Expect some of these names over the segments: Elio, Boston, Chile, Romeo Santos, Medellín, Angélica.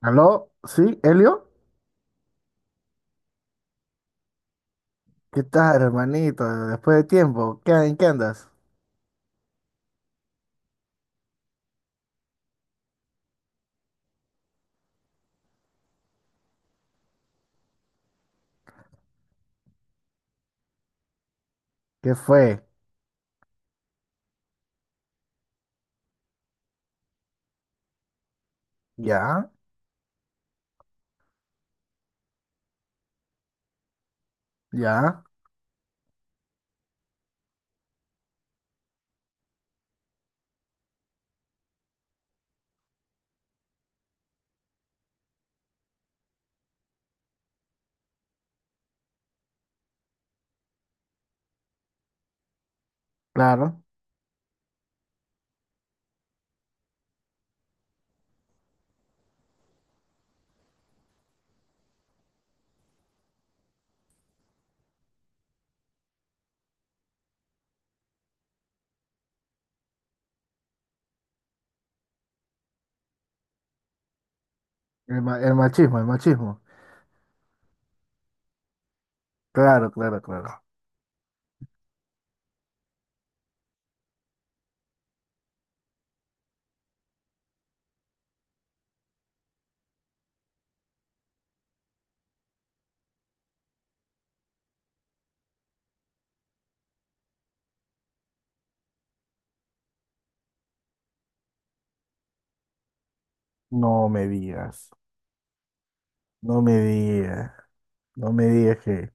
¿Aló? ¿Sí? ¿Elio? ¿Qué tal, hermanito? Después de tiempo, ¿qué, en qué andas? ¿Qué fue? ¿Ya? ¿Ya? Claro. El machismo, el machismo. Claro, claro, claro. No me digas. No me digas. No me digas que,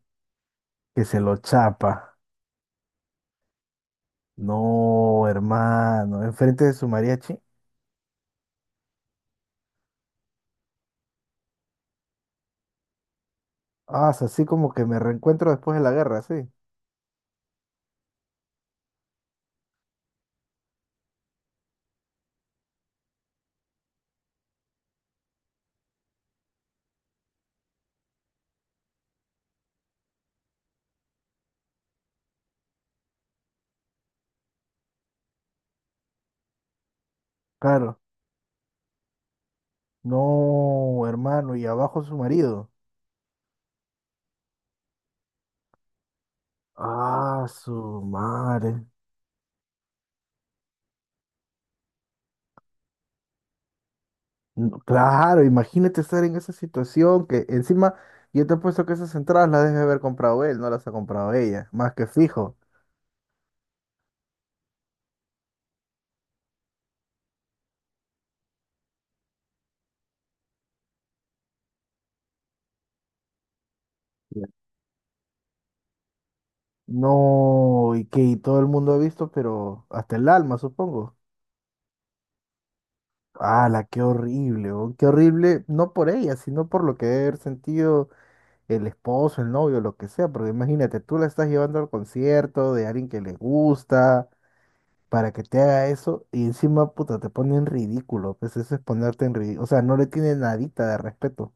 que se lo chapa. No, hermano. Enfrente de su mariachi. Ah, es así como que me reencuentro después de la guerra, sí. Claro. No, hermano. Y abajo su marido. Ah, su madre. No, claro, imagínate estar en esa situación que encima yo te he puesto que esas entradas las debe haber comprado él, no las ha comprado ella, más que fijo. Ya. No, y que y todo el mundo ha visto, pero hasta el alma, supongo. ¡Hala, qué horrible! Oh, ¡Qué horrible! No por ella, sino por lo que debe haber sentido el esposo, el novio, lo que sea, porque imagínate, tú la estás llevando al concierto de alguien que le gusta, para que te haga eso y encima, puta, te pone en ridículo. Pues eso es ponerte en ridículo. O sea, no le tiene nadita de respeto.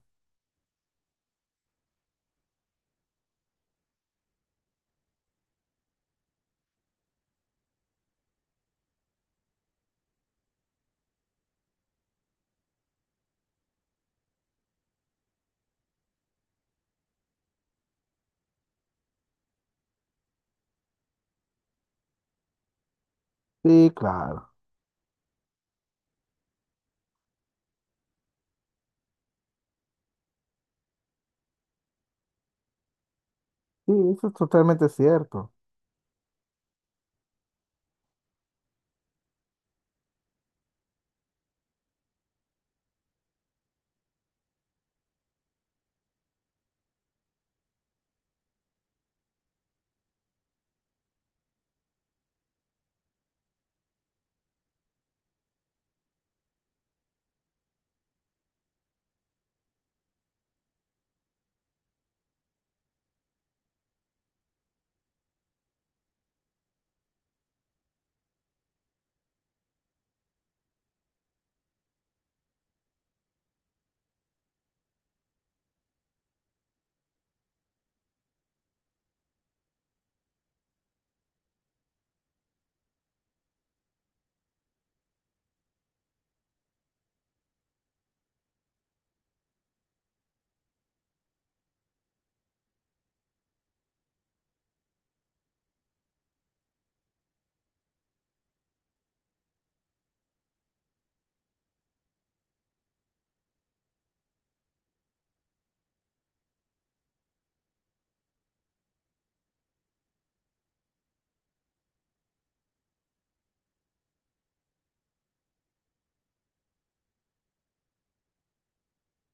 Sí, claro. Sí, eso es totalmente cierto.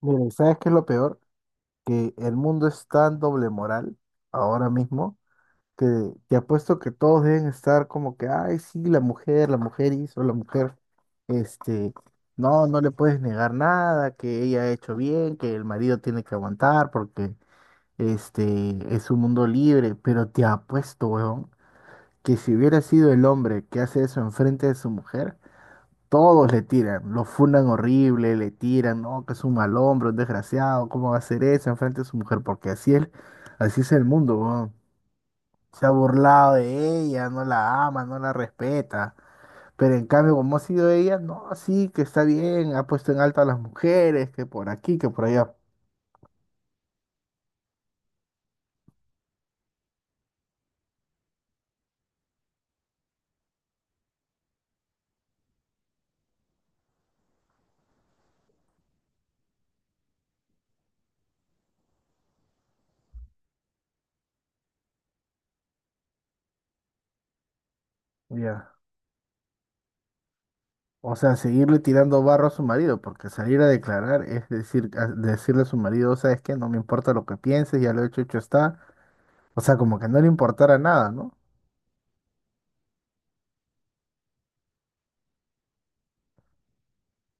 Miren, ¿sabes qué es lo peor? Que el mundo es tan doble moral ahora mismo que te apuesto que todos deben estar como que, ay, sí, la mujer hizo, la mujer, este, no, no le puedes negar nada, que ella ha hecho bien, que el marido tiene que aguantar porque este es un mundo libre. Pero te apuesto, weón, que si hubiera sido el hombre que hace eso enfrente de su mujer, todos le tiran, lo fundan horrible, le tiran, no, que es un mal hombre, un desgraciado, ¿cómo va a hacer eso enfrente de su mujer? Porque así es el mundo, weón. Se ha burlado de ella, no la ama, no la respeta. Pero en cambio, como ha sido ella, no, sí, que está bien, ha puesto en alto a las mujeres, que por aquí, que por allá. Ya. O sea, seguirle tirando barro a su marido, porque salir a declarar es decir, decirle a su marido, ¿sabes qué? No me importa lo que pienses, ya lo hecho, hecho está. O sea, como que no le importara nada, ¿no?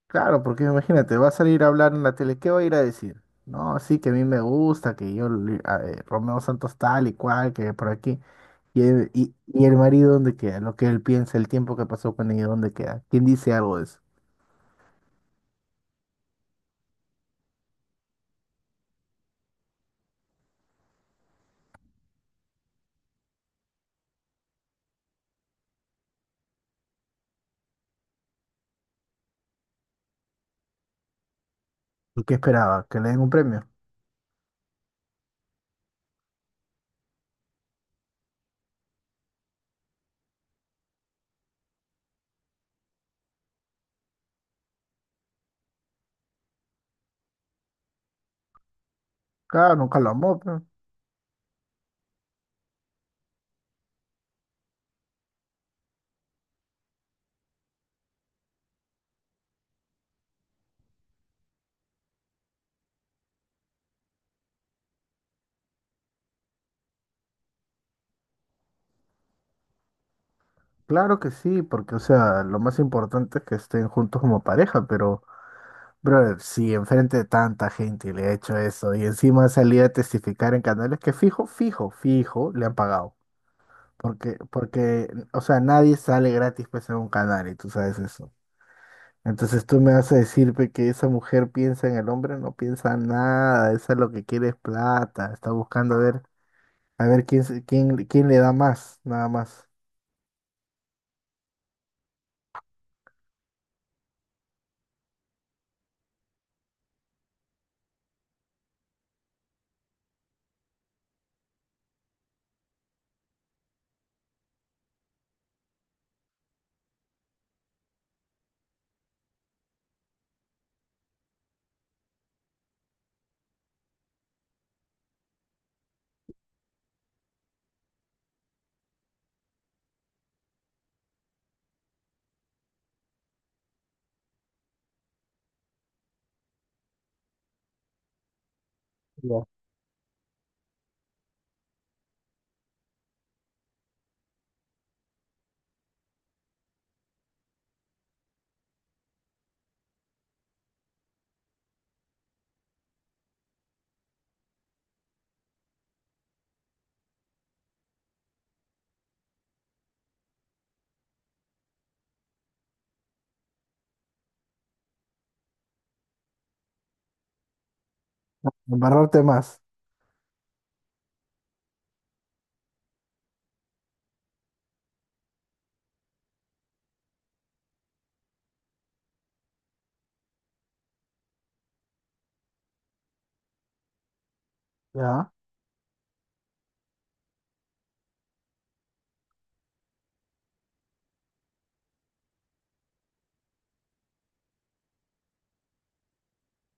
Claro, porque imagínate, va a salir a hablar en la tele, ¿qué va a ir a decir? No, sí, que a mí me gusta, que Romeo Santos tal y cual, que por aquí. Y el marido, ¿dónde queda? Lo que él piensa, el tiempo que pasó con ella, ¿dónde queda? ¿Quién dice algo de eso? ¿Y qué esperaba? ¿Que le den un premio? Claro, nunca lo amó, pues. Claro que sí, porque, o sea, lo más importante es que estén juntos como pareja, pero, brother, si enfrente de tanta gente le ha hecho eso y encima salí a testificar en canales que fijo, fijo, fijo, le han pagado. Porque, porque, o sea, nadie sale gratis pues en un canal y tú sabes eso. Entonces tú me vas a decir pe, que esa mujer piensa en el hombre, no piensa nada, esa lo que quiere es plata, está buscando a ver quién, quién le da más, nada más. Ya. Embarrarte más. ¿Ya?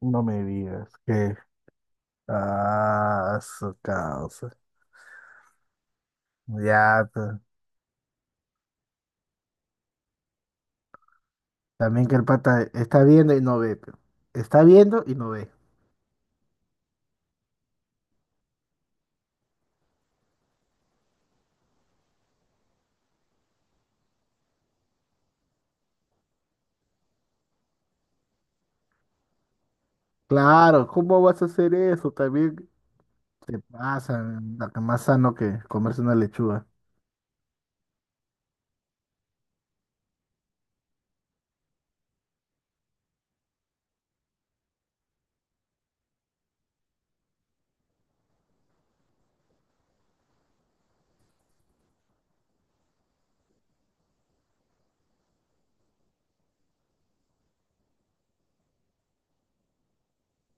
No me digas que... Ah, su causa. Ya, pues. También que el pata está viendo y no ve, pero. Está viendo y no ve. Claro, ¿cómo vas a hacer eso? También te pasa, la que más sano que comerse una lechuga.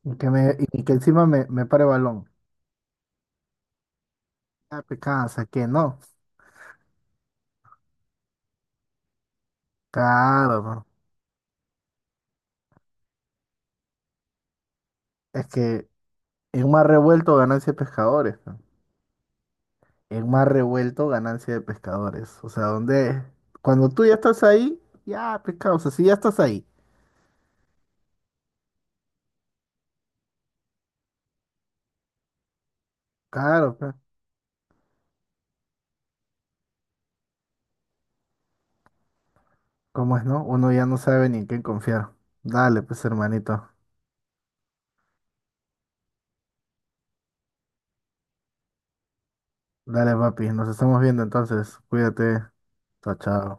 Y que encima me pare balón. Ah, te cansa, que no. Claro, po. Es que en un mar revuelto, ganancia de pescadores, pe. El mar revuelto, ganancia de pescadores. O sea, donde cuando tú ya estás ahí, ya pescado. O sea, si ya estás ahí. Claro, pe. ¿Cómo es, no? Uno ya no sabe ni en quién confiar. Dale, pues, hermanito. Dale, papi. Nos estamos viendo entonces. Cuídate. Chao, chao.